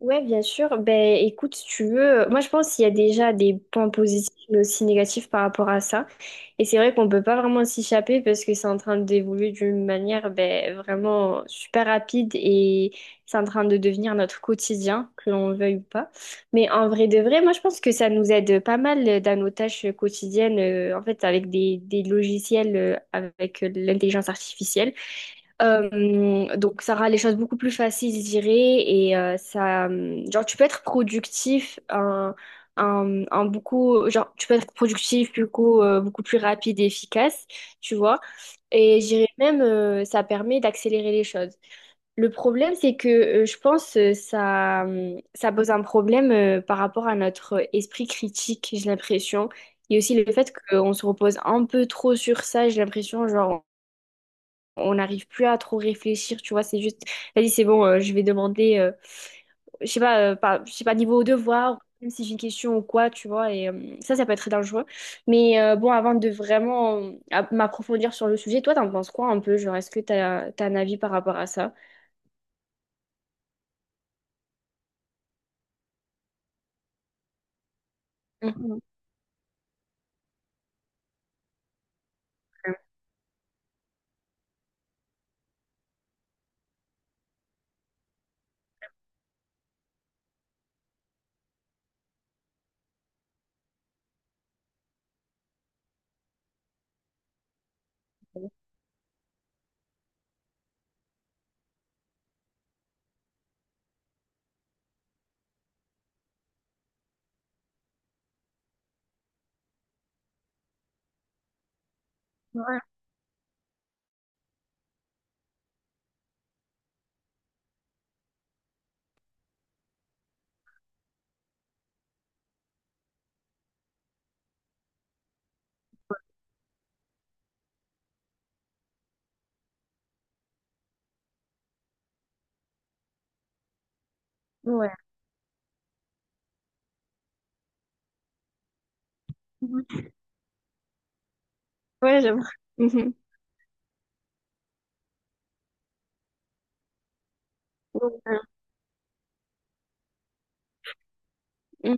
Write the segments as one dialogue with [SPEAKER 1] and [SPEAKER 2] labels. [SPEAKER 1] Ouais, bien sûr. Ben, écoute, si tu veux, moi je pense qu'il y a déjà des points positifs mais aussi négatifs par rapport à ça. Et c'est vrai qu'on peut pas vraiment s'échapper parce que c'est en train d'évoluer d'une manière ben, vraiment super rapide et c'est en train de devenir notre quotidien, que l'on le veuille ou pas. Mais en vrai de vrai, moi je pense que ça nous aide pas mal dans nos tâches quotidiennes, en fait, avec des logiciels, avec l'intelligence artificielle. Donc ça rend les choses beaucoup plus faciles, je dirais, et ça, genre tu peux être productif genre tu peux être productif beaucoup beaucoup plus rapide et efficace, tu vois. Et je dirais même ça permet d'accélérer les choses. Le problème c'est que je pense ça pose un problème par rapport à notre esprit critique, j'ai l'impression. Et aussi le fait qu'on se repose un peu trop sur ça, j'ai l'impression, genre on n'arrive plus à trop réfléchir, tu vois, c'est juste, vas-y, c'est bon, je vais demander, je sais pas, je sais pas, niveau devoir, même si j'ai une question ou quoi, tu vois, et ça peut être très dangereux. Mais bon, avant de vraiment m'approfondir sur le sujet, toi, t'en penses quoi un peu, genre, est-ce que t'as un avis par rapport à ça? Mhm. Ouais, ouais. Mhm. Ouais, j'avoue. Mhm. Ouais. Mhm.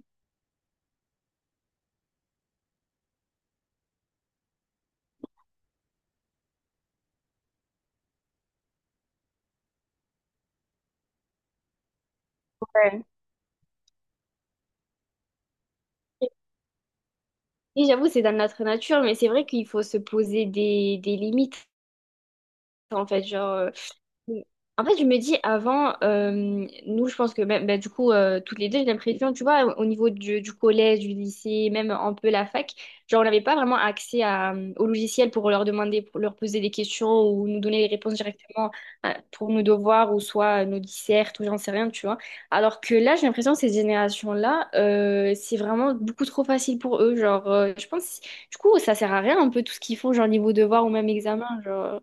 [SPEAKER 1] Ouais. Oui, j'avoue, c'est dans notre nature, mais c'est vrai qu'il faut se poser des limites, en fait, genre... Mais En fait, je me dis avant, nous, je pense que même, bah, du coup, toutes les deux, j'ai l'impression, tu vois, au niveau du collège, du lycée, même un peu la fac, genre, on n'avait pas vraiment accès à, au logiciel pour leur demander, pour leur poser des questions ou nous donner les réponses directement pour nos devoirs ou soit nos dissertes ou j'en sais rien, tu vois. Alors que là, j'ai l'impression que ces générations-là, c'est vraiment beaucoup trop facile pour eux. Genre, je pense, du coup, ça sert à rien un peu tout ce qu'ils font, genre niveau devoir ou même examen, genre.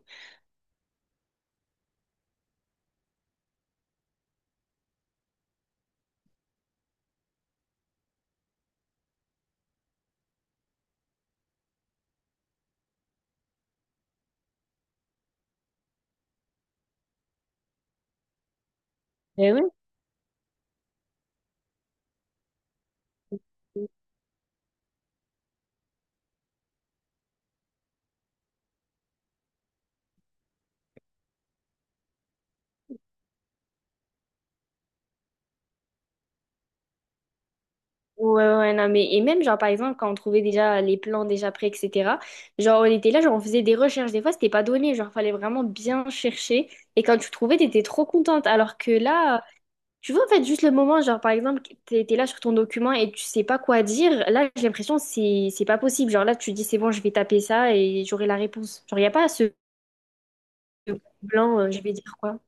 [SPEAKER 1] Ben oui. Ouais, ouais, ouais, non, mais et même, genre, par exemple, quand on trouvait déjà les plans déjà prêts, etc., genre, on était là, genre, on faisait des recherches. Des fois, c'était pas donné, genre, fallait vraiment bien chercher. Et quand tu trouvais, t'étais trop contente. Alors que là, tu vois, en fait, juste le moment, genre, par exemple, t'étais là sur ton document et tu sais pas quoi dire, là, j'ai l'impression, que c'est pas possible. Genre, là, tu dis, c'est bon, je vais taper ça et j'aurai la réponse. Genre, y a pas ce blanc, je vais dire quoi.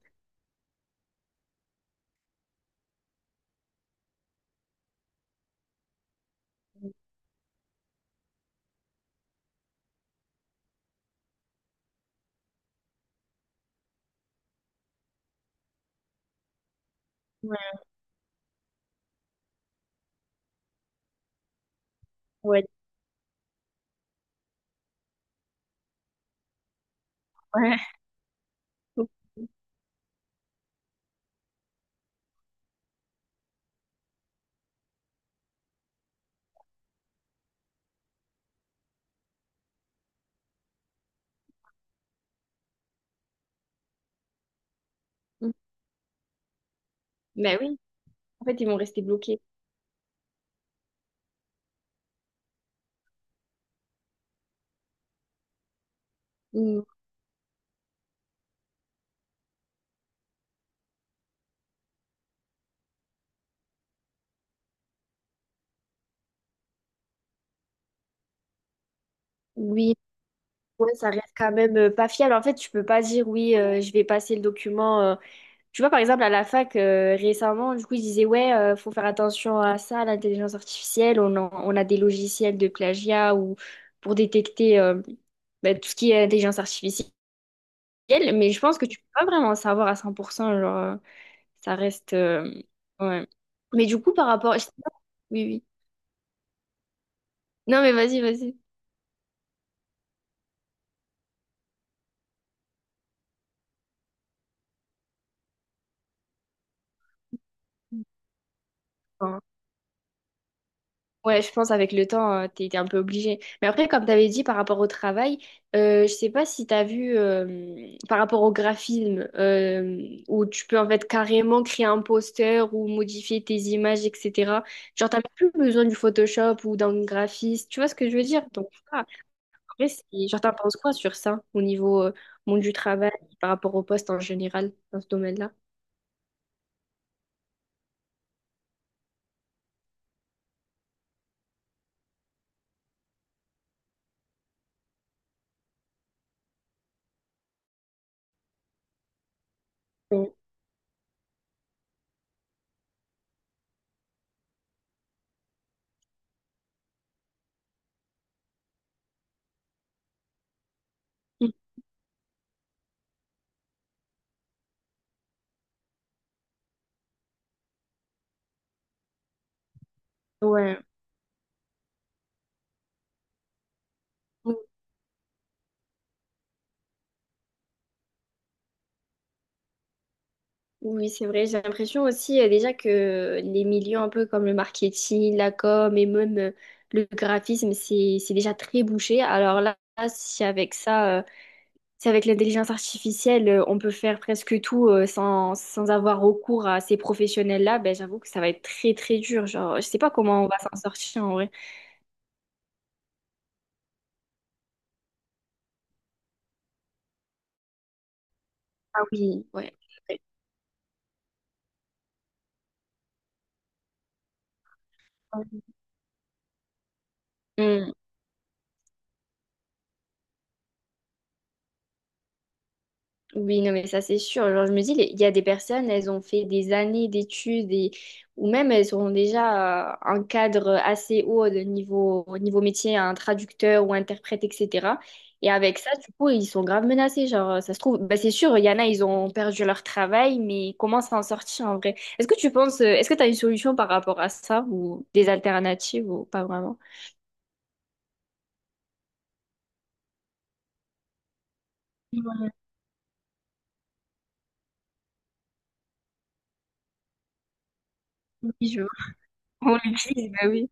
[SPEAKER 1] Ouais, ouais, ouais. Ben oui, en fait, ils vont rester bloqués. Mm. Oui. Ouais, ça reste quand même pas fiable. En fait, tu peux pas dire oui, je vais passer le document. Tu vois, par exemple, à la fac, récemment, du coup, ils disaient ouais, faut faire attention à ça, à l'intelligence artificielle. On a des logiciels de plagiat ou pour détecter bah, tout ce qui est intelligence artificielle. Mais je pense que tu peux pas vraiment savoir à 100%. Genre, ça reste, ouais. Mais du coup, par rapport. Oui, oui. Non, mais vas-y, vas-y. Ouais, je pense avec le temps, t'es un peu obligé. Mais après, comme t'avais dit par rapport au travail, je sais pas si t'as vu par rapport au graphisme où tu peux en fait carrément créer un poster ou modifier tes images, etc. Genre, t'as plus besoin du Photoshop ou d'un graphiste. Tu vois ce que je veux dire? Donc, ah, après, c'est- genre, t'en penses quoi sur ça au niveau monde du travail par rapport au poste en général dans ce domaine-là? Ouais. Ouais. Oui, c'est vrai. J'ai l'impression aussi déjà que les milieux un peu comme le marketing, la com et même le graphisme, c'est déjà très bouché. Alors là, si avec ça, si avec l'intelligence artificielle, on peut faire presque tout sans avoir recours à ces professionnels-là, ben, j'avoue que ça va être très très dur. Genre, je sais pas comment on va s'en sortir en vrai. Ah oui, ouais. c'est Oui, non, mais ça c'est sûr. Genre, je me dis, les- il y a des personnes, elles ont fait des années d'études et... ou même elles ont déjà un cadre assez haut de niveau... au niveau métier, un traducteur ou interprète, etc. Et avec ça, du coup, ils sont grave menacés. Genre, ça se trouve, bah, c'est sûr, il y en a, ils ont perdu leur travail, mais comment s'en sortir en vrai? Est-ce que tu penses, est-ce que tu as une solution par rapport à ça ou des alternatives ou pas vraiment? Oui, je vois. On l'utilise, bah oui.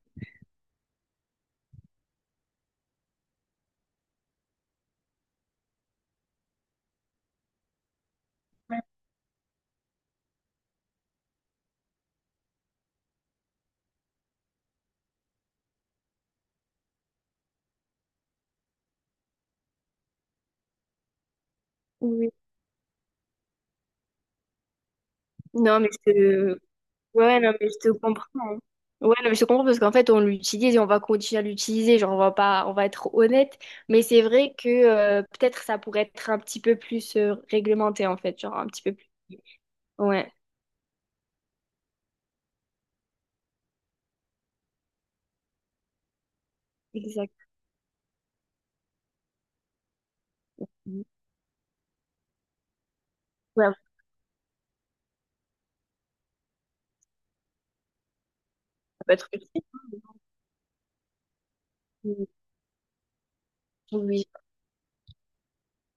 [SPEAKER 1] Ouais. Oui. Non, mais c'est Ouais, non, mais je te comprends. Hein. Ouais, non, mais je te comprends parce qu'en fait, on l'utilise et on va continuer à l'utiliser. Genre, on va pas, on va être honnête. Mais c'est vrai que peut-être ça pourrait être un petit peu plus réglementé, en fait. Genre, un petit peu plus. Ouais, exactement. Ouais, ça peut être utile. Oui.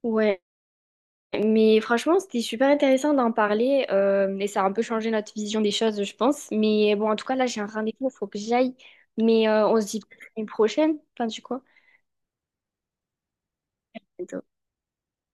[SPEAKER 1] Ouais, mais franchement, c'était super intéressant d'en parler et ça a un peu changé notre vision des choses, je pense. Mais bon, en tout cas, là, j'ai un rendez-vous, il faut que j'aille. Mais on se dit peut-être une prochaine. Enfin, du coup.